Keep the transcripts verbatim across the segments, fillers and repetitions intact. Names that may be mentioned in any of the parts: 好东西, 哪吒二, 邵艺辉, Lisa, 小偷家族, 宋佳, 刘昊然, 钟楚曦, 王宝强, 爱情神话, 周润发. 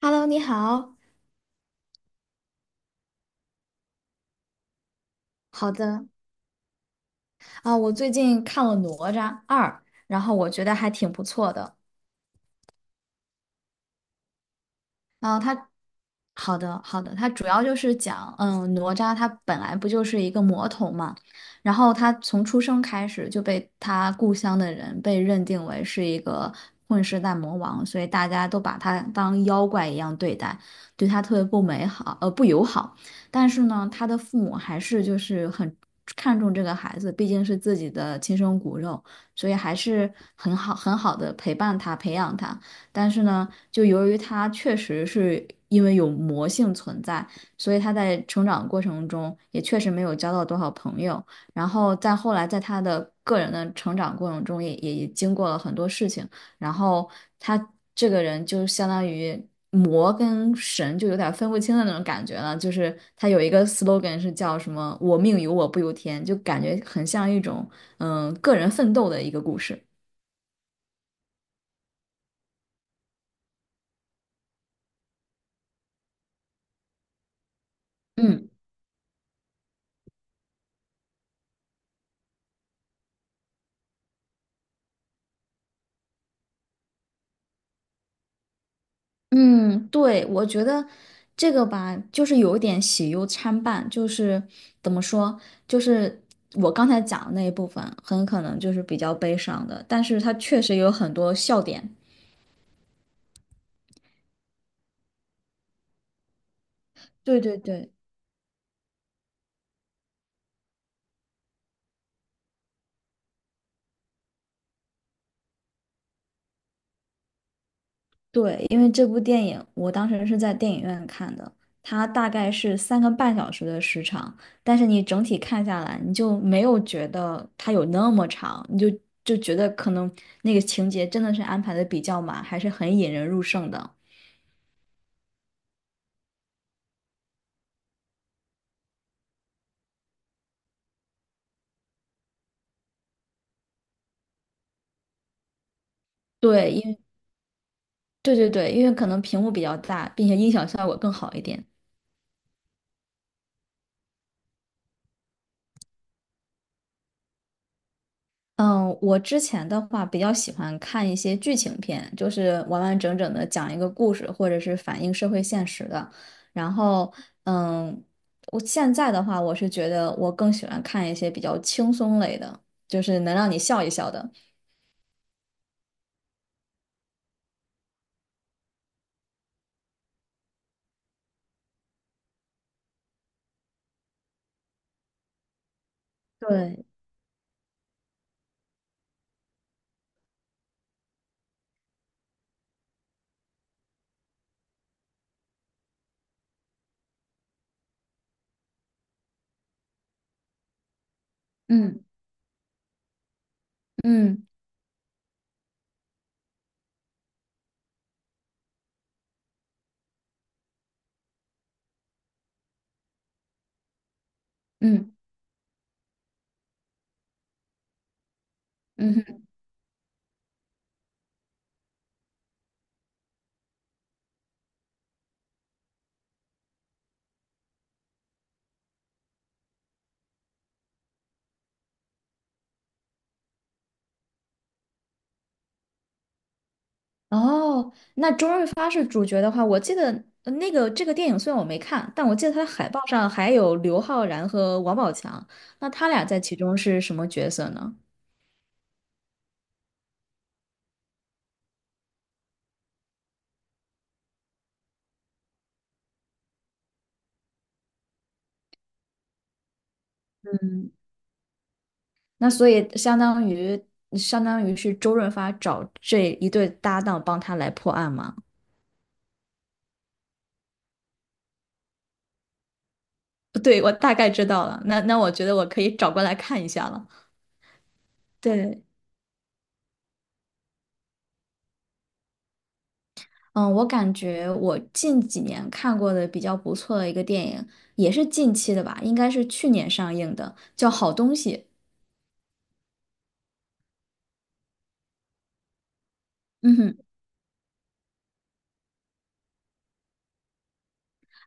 Hello，你好。好的。啊，我最近看了《哪吒二》，然后我觉得还挺不错的。啊。它好的，好的，它主要就是讲，嗯，哪吒他本来不就是一个魔童嘛，然后他从出生开始就被他故乡的人被认定为是一个混世大魔王，所以大家都把他当妖怪一样对待，对他特别不美好，呃，不友好。但是呢，他的父母还是就是很看重这个孩子，毕竟是自己的亲生骨肉，所以还是很好很好的陪伴他，培养他。但是呢，就由于他确实是因为有魔性存在，所以他在成长过程中也确实没有交到多少朋友。然后在后来，在他的个人的成长过程中也，也也经过了很多事情。然后他这个人就相当于魔跟神就有点分不清的那种感觉了。就是他有一个 slogan 是叫什么“我命由我不由天”，就感觉很像一种嗯个人奋斗的一个故事。嗯。嗯，对，我觉得这个吧，就是有一点喜忧参半，就是怎么说，就是我刚才讲的那一部分，很可能就是比较悲伤的，但是它确实有很多笑点。对对对对，因为这部电影我当时是在电影院看的，它大概是三个半小时的时长，但是你整体看下来，你就没有觉得它有那么长，你就就觉得可能那个情节真的是安排的比较满，还是很引人入胜的。对，因为对对对，因为可能屏幕比较大，并且音响效果更好一点。嗯，我之前的话比较喜欢看一些剧情片，就是完完整整的讲一个故事，或者是反映社会现实的。然后，嗯，我现在的话，我是觉得我更喜欢看一些比较轻松类的，就是能让你笑一笑的。对，嗯嗯嗯嗯嗯。哦，那周润发是主角的话，我记得呃那个这个电影虽然我没看，但我记得它的海报上还有刘昊然和王宝强，那他俩在其中是什么角色呢？那所以相当于相当于是周润发找这一对搭档帮他来破案吗？对，我大概知道了，那那我觉得我可以找过来看一下了。对，嗯，我感觉我近几年看过的比较不错的一个电影，也是近期的吧，应该是去年上映的，叫《好东西》。嗯哼，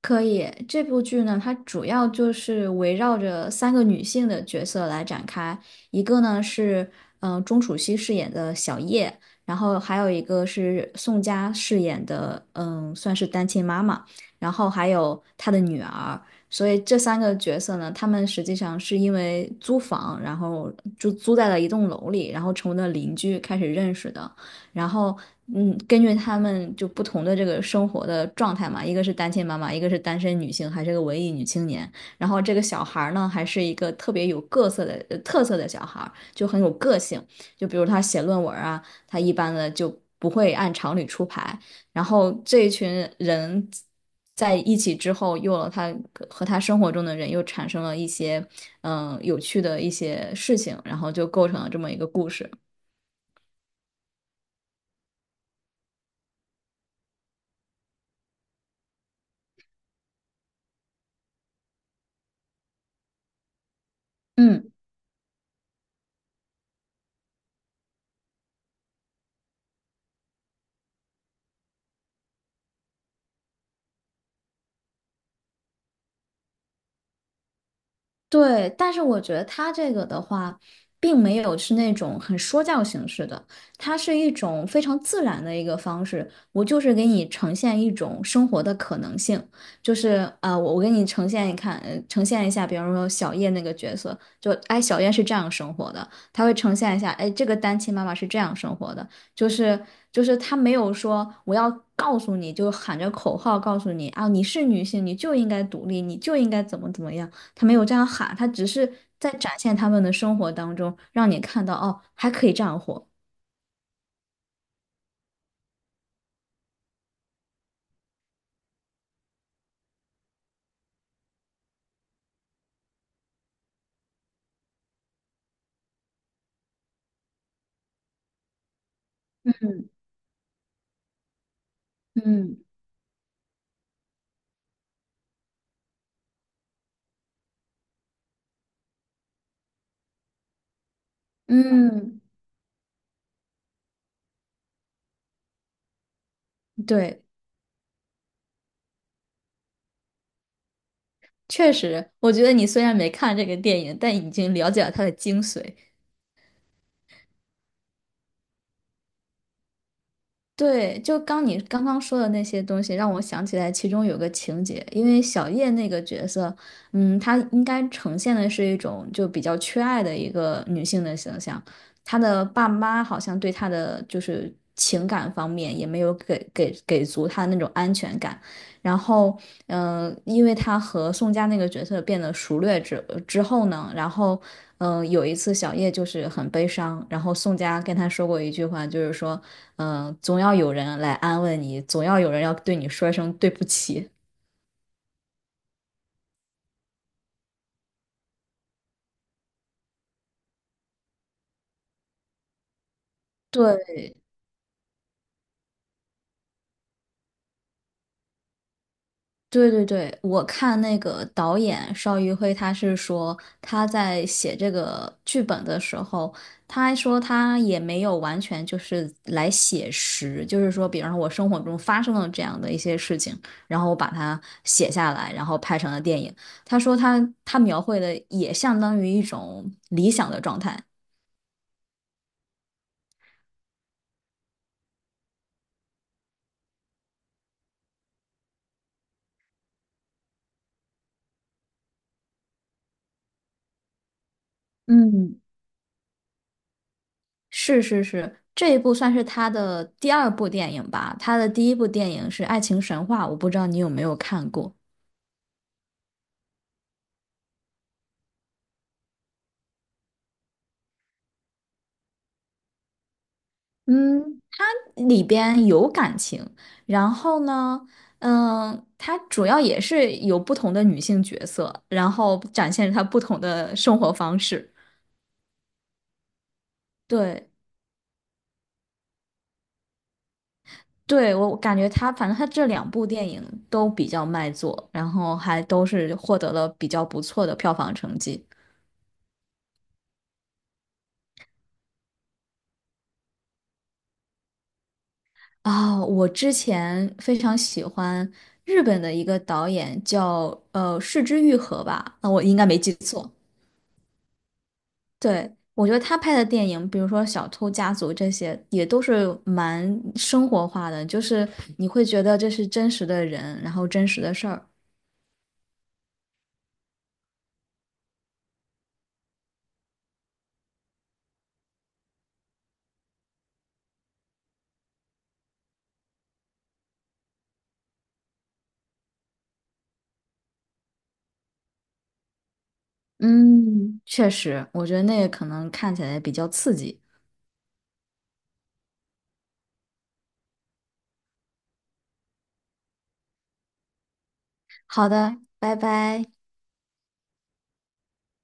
可以。这部剧呢，它主要就是围绕着三个女性的角色来展开。一个呢是，嗯、呃钟楚曦饰演的小叶，然后还有一个是宋佳饰演的，嗯，算是单亲妈妈，然后还有她的女儿。所以这三个角色呢，他们实际上是因为租房，然后就租在了一栋楼里，然后成为了邻居，开始认识的。然后，嗯，根据他们就不同的这个生活的状态嘛，一个是单亲妈妈，一个是单身女性，还是个文艺女青年。然后这个小孩儿呢，还是一个特别有各色的呃特色的小孩儿，就很有个性。就比如他写论文啊，他一般的就不会按常理出牌。然后这一群人在一起之后，又有了他和他生活中的人又产生了一些嗯、呃有趣的一些事情，然后就构成了这么一个故事。嗯。对，但是我觉得它这个的话，并没有是那种很说教形式的，它是一种非常自然的一个方式。我就是给你呈现一种生活的可能性，就是啊，我、我给你呈现一看，呃呈现一下，比方说小叶那个角色，就哎，小叶是这样生活的，他会呈现一下，哎，这个单亲妈妈是这样生活的，就是就是他没有说我要告诉你，就喊着口号告诉你啊，你是女性，你就应该独立，你就应该怎么怎么样。他没有这样喊，他只是在展现他们的生活当中，让你看到哦，还可以这样活。嗯。嗯。对，确实，我觉得你虽然没看这个电影，但已经了解了它的精髓。对，就刚你刚刚说的那些东西，让我想起来其中有个情节，因为小叶那个角色，嗯，她应该呈现的是一种就比较缺爱的一个女性的形象，她的爸妈好像对她的就是情感方面也没有给给给足她那种安全感，然后，嗯、呃因为她和宋佳那个角色变得熟略之之后呢，然后。嗯，有一次小叶就是很悲伤，然后宋佳跟她说过一句话，就是说。嗯，总要有人来安慰你，总要有人要对你说一声对不起。对对对对，我看那个导演邵艺辉，他是说他在写这个剧本的时候，他还说他也没有完全就是来写实，就是说，比方说我生活中发生了这样的一些事情，然后我把它写下来，然后拍成了电影。他说他他描绘的也相当于一种理想的状态。嗯。是是是，这一部算是他的第二部电影吧。他的第一部电影是《爱情神话》，我不知道你有没有看过。嗯，它里边有感情，然后呢，嗯，它主要也是有不同的女性角色，然后展现她不同的生活方式。对，对，我感觉他反正他这两部电影都比较卖座，然后还都是获得了比较不错的票房成绩。啊，我之前非常喜欢日本的一个导演叫呃市之愈合吧，那我应该没记错。对，我觉得他拍的电影，比如说《小偷家族》这些，也都是蛮生活化的，就是你会觉得这是真实的人，然后真实的事儿。嗯，确实，我觉得那个可能看起来比较刺激。好的，拜拜。